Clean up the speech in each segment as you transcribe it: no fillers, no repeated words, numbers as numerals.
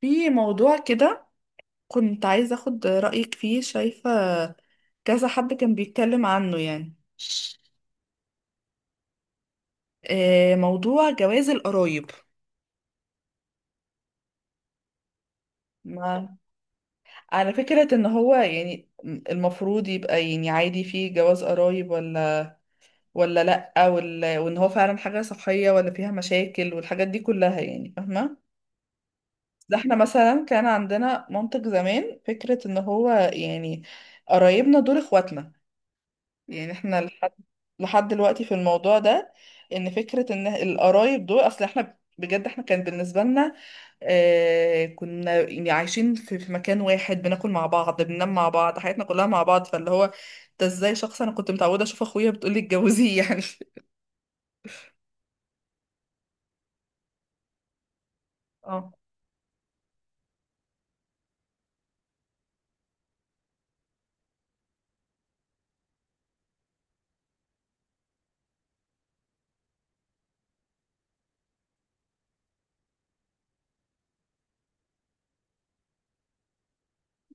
في موضوع كده، كنت عايزة أخد رأيك فيه. شايفة كذا حد كان بيتكلم عنه يعني موضوع جواز القرايب. ما على فكرة إن هو يعني المفروض يبقى يعني عادي فيه جواز قرايب ولا لأ، ولا وإن هو فعلا حاجة صحية ولا فيها مشاكل والحاجات دي كلها، يعني فاهمة؟ ده احنا مثلا كان عندنا منطق زمان، فكرة إن هو يعني قرايبنا دول إخواتنا. يعني احنا لحد دلوقتي في الموضوع ده، ان فكرة ان القرايب دول اصل احنا بجد احنا كان بالنسبة لنا آه، كنا يعني عايشين في مكان واحد، بناكل مع بعض، بننام مع بعض، حياتنا كلها مع بعض. فاللي هو ده ازاي شخص انا كنت متعودة اشوف اخويا بتقولي اتجوزيه يعني؟ اه.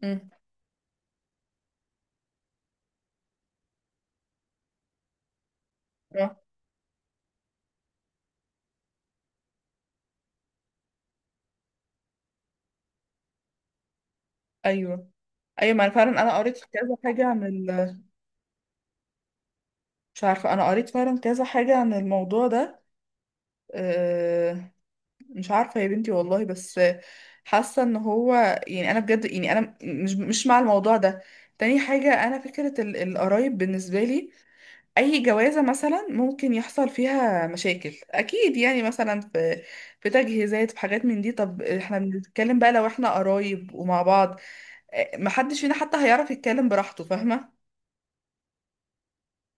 امم. اه. ايوه. ايوه، ما انا فعلا انا قريت كذا حاجة عن ال... مش عارفة، انا قريت فعلا كذا حاجة عن الموضوع ده. آه، مش عارفة يا بنتي والله، بس حاسة ان هو يعني انا بجد يعني انا مش مع الموضوع ده. تاني حاجة، انا فكرة القرايب بالنسبة لي، اي جوازة مثلا ممكن يحصل فيها مشاكل اكيد يعني، مثلا في في تجهيزات، في حاجات من دي. طب احنا بنتكلم بقى لو احنا قرايب ومع بعض، محدش فينا حتى هيعرف يتكلم براحته، فاهمة؟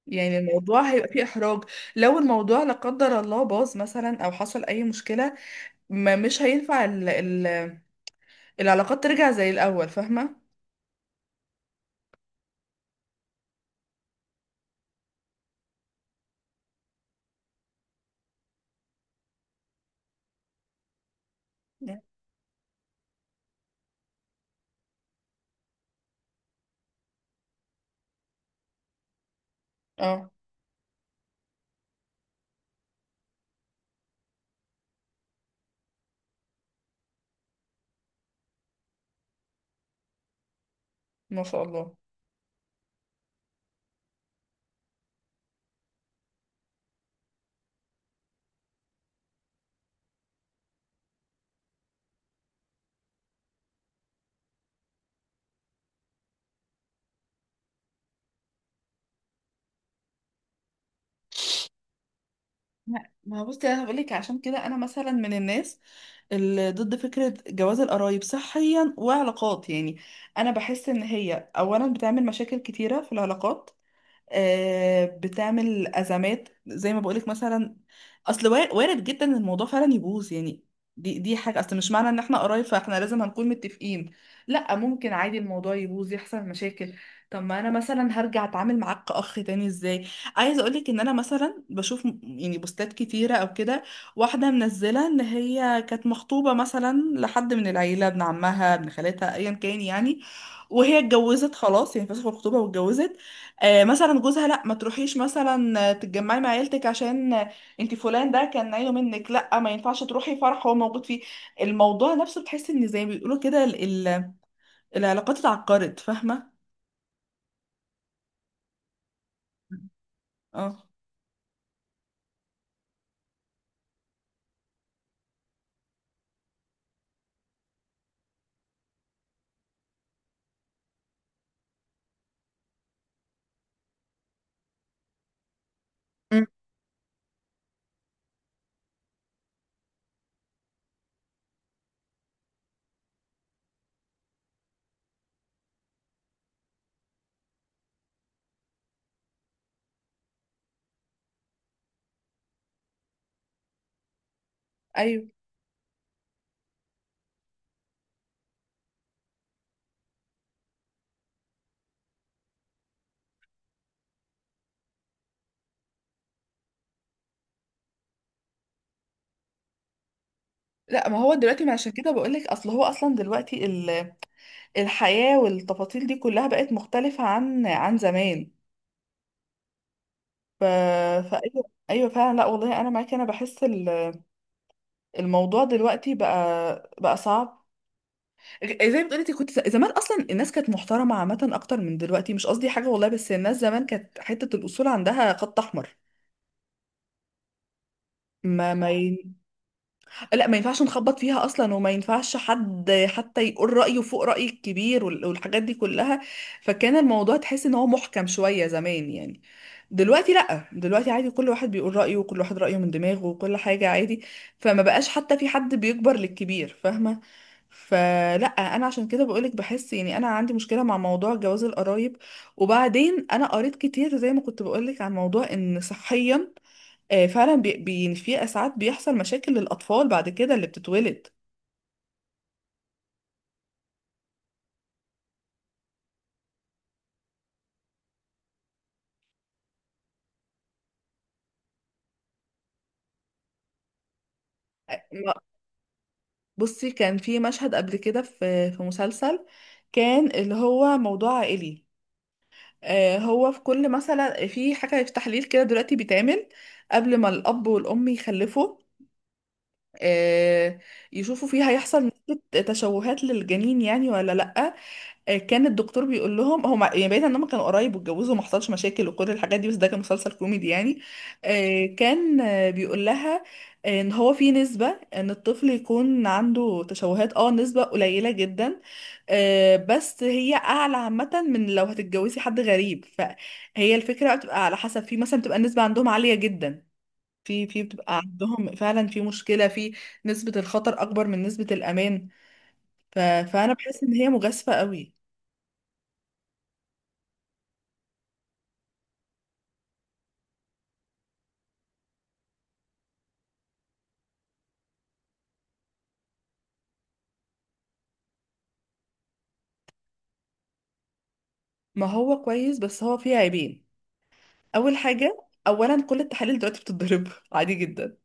يعني الموضوع هيبقى فيه احراج. لو الموضوع لا قدر الله باظ مثلا او حصل اي مشكلة، ما مش هينفع ال العلاقات ترجع زي الأول، فاهمة؟ اه. ما شاء الله. لا، ما هو بصي انا هقول لك، عشان كده انا مثلا من الناس اللي ضد فكره جواز القرايب صحيا وعلاقات يعني. انا بحس ان هي اولا بتعمل مشاكل كتيره في العلاقات. بتعمل أزمات زي ما بقولك مثلا، أصل وارد جدا إن الموضوع فعلا يبوظ يعني. دي حاجة، أصل مش معنى إن إحنا قرايب فإحنا لازم هنكون متفقين. لأ، ممكن عادي الموضوع يبوظ يحصل مشاكل. طب ما أنا مثلا هرجع أتعامل معاك كأخ تاني إزاي؟ عايزة أقولك إن أنا مثلا بشوف يعني بوستات كتيرة أو كده، واحدة منزلة إن هي كانت مخطوبة مثلا لحد من العيلة، ابن عمها، ابن خالتها، أيا كان يعني، وهي اتجوزت خلاص، يعني فسخوا الخطوبة واتجوزت. مثلا جوزها لا، ما تروحيش مثلا تتجمعي مع عيلتك عشان انت فلان ده كان عيله منك، لا ما ينفعش تروحي فرح هو موجود فيه. الموضوع نفسه بتحس ان زي ما بيقولوا كده ال- العلاقات اتعقدت، فاهمه؟ اه. مم. ايوه. لا، ما هو دلوقتي، ما عشان كده بقولك، اصل هو اصلا دلوقتي الحياة والتفاصيل دي كلها بقت مختلفة عن عن زمان. ف... فايوه، ايوه. أيوه فعلا، لا والله انا معاكي، انا بحس الموضوع دلوقتي بقى صعب. زي ما بتقولي انت، كنت زمان اصلا الناس كانت محترمه عامه اكتر من دلوقتي. مش قصدي حاجه والله بس الناس زمان كانت حته الاصول عندها خط احمر. ما ما اه، لا ما ينفعش نخبط فيها اصلا، وما ينفعش حد حتى يقول رايه فوق راي الكبير والحاجات دي كلها. فكان الموضوع تحس ان هو محكم شويه زمان يعني. دلوقتي لا، دلوقتي عادي كل واحد بيقول رايه، وكل واحد رايه من دماغه، وكل حاجه عادي. فما بقاش حتى في حد بيكبر للكبير، فاهمه؟ فلا، انا عشان كده بقولك بحس يعني انا عندي مشكله مع موضوع جواز القرايب. وبعدين انا قريت كتير زي ما كنت بقولك، عن موضوع ان صحيا فعلا بي في ساعات بيحصل مشاكل للأطفال بعد كده اللي بتتولد. آه، ما- بصي كان في مشهد قبل كده في في مسلسل، كان اللي هو موضوع عائلي. هو في كل مثلا في حاجة في تحليل كده دلوقتي بيتعمل قبل ما الأب والأم يخلفوا، آه، يشوفوا فيه هيحصل نسبة تشوهات للجنين يعني ولا لأ. كان الدكتور بيقول لهم هم يعني بعيد ان هم كانوا قرايب واتجوزوا وما حصلش مشاكل وكل الحاجات دي، بس ده كان مسلسل كوميدي يعني. كان بيقول لها ان هو في نسبة ان الطفل يكون عنده تشوهات، اه نسبة قليلة جدا، بس هي اعلى عامة من لو هتتجوزي حد غريب. فهي الفكرة بقى بتبقى على حسب، في مثلا بتبقى النسبة عندهم عالية جدا، في في بتبقى عندهم فعلا في مشكلة في نسبة الخطر أكبر من نسبة الأمان. ف... فأنا بحس إن هي مجازفة قوي. ما هو كويس بس هو فيه عيبين. اول حاجه، اولا كل التحاليل دلوقتي بتتضرب عادي جدا.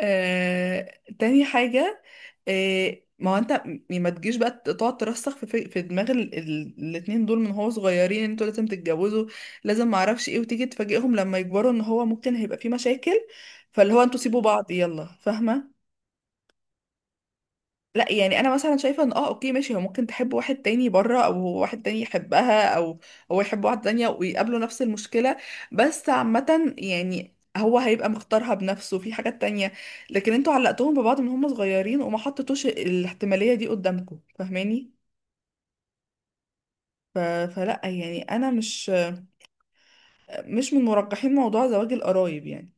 تاني حاجه، ما هو انت ما تجيش بقى تقعد ترسخ في في في دماغ الاتنين دول من هو صغيرين ان انتوا لازم تتجوزوا لازم ما اعرفش ايه، وتيجي تفاجئهم لما يكبروا ان هو ممكن هيبقى فيه مشاكل. فاللي هو انتوا سيبوا بعض يلا، فاهمه؟ لا يعني انا مثلا شايفه ان اه اوكي ماشي، هو ممكن تحب واحد تاني بره، او هو واحد تاني يحبها، او هو يحب واحده تانية ويقابلوا نفس المشكله. بس عامه يعني هو هيبقى مختارها بنفسه في حاجات تانية. لكن انتوا علقتوهم ببعض من هم صغيرين وما حطيتوش الاحتماليه دي قدامكم، فاهماني؟ ف... فلا يعني انا مش من مرجحين موضوع زواج القرايب يعني.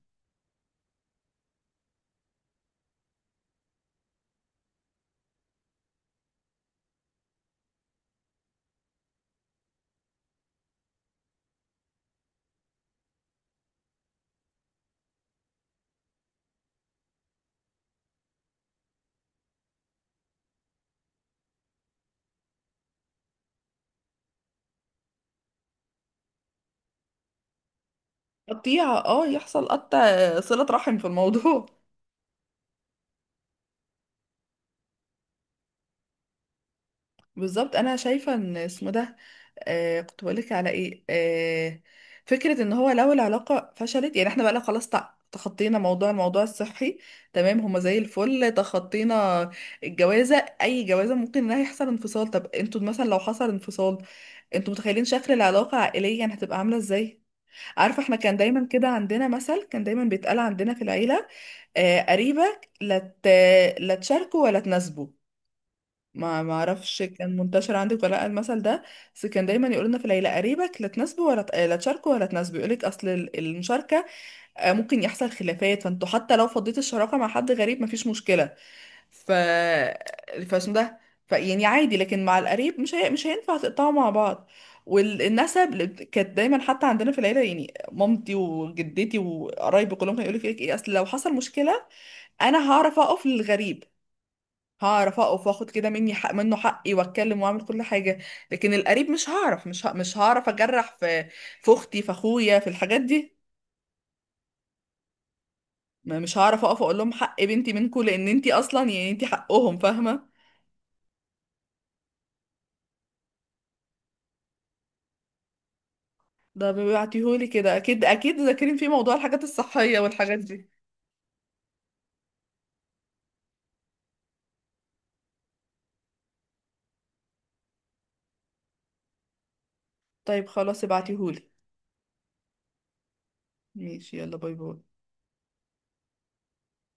قطيعه اه، يحصل قطع صله رحم في الموضوع. بالظبط، انا شايفه ان اسمه ده آه، كنت بقولك على ايه؟ آه، فكره ان هو لو العلاقه فشلت، يعني احنا بقى لا خلاص تخطينا موضوع الموضوع الصحي، تمام هما زي الفل تخطينا. الجوازه، اي جوازه ممكن انها يحصل انفصال. طب انتوا مثلا لو حصل انفصال، انتوا متخيلين شكل العلاقه عائليا هتبقى عامله ازاي؟ عارفه احنا كان دايما كده عندنا مثل كان دايما بيتقال عندنا في العيله، آه قريبك لا لا تشاركه ولا تناسبه. ما ما اعرفش كان منتشر عندك ولا لأ المثل ده، بس كان دايما يقول لنا في العيله قريبك لا تناسبه ولا ت- آه، لا تشاركه ولا تناسبه. يقول لك اصل المشاركه ممكن يحصل خلافات، فانتوا حتى لو فضيت الشراكه مع حد غريب مفيش مشكله. ف فاسمه ده، ف يعني عادي، لكن مع القريب مش هينفع تقطعوا مع بعض. كانت دايما حتى عندنا في العيله يعني مامتي وجدتي وقرايبي كلهم كانوا يقولوا لك ايه، اصل لو حصل مشكله انا هعرف اقف للغريب، هعرف اقف واخد كده مني حق منه حقي، واتكلم واعمل كل حاجه. لكن القريب مش هعرف، مش هعرف اجرح في في اختي في اخويا في الحاجات دي. مش هعرف اقف اقول لهم حق بنتي منكم، لان انتي اصلا يعني انتي حقهم، فاهمه؟ ده بيبعتيهولي كده اكيد، اكيد ذاكرين في موضوع الحاجات الصحيه والحاجات دي. طيب خلاص ابعتيهولي. ماشي، يلا باي باي.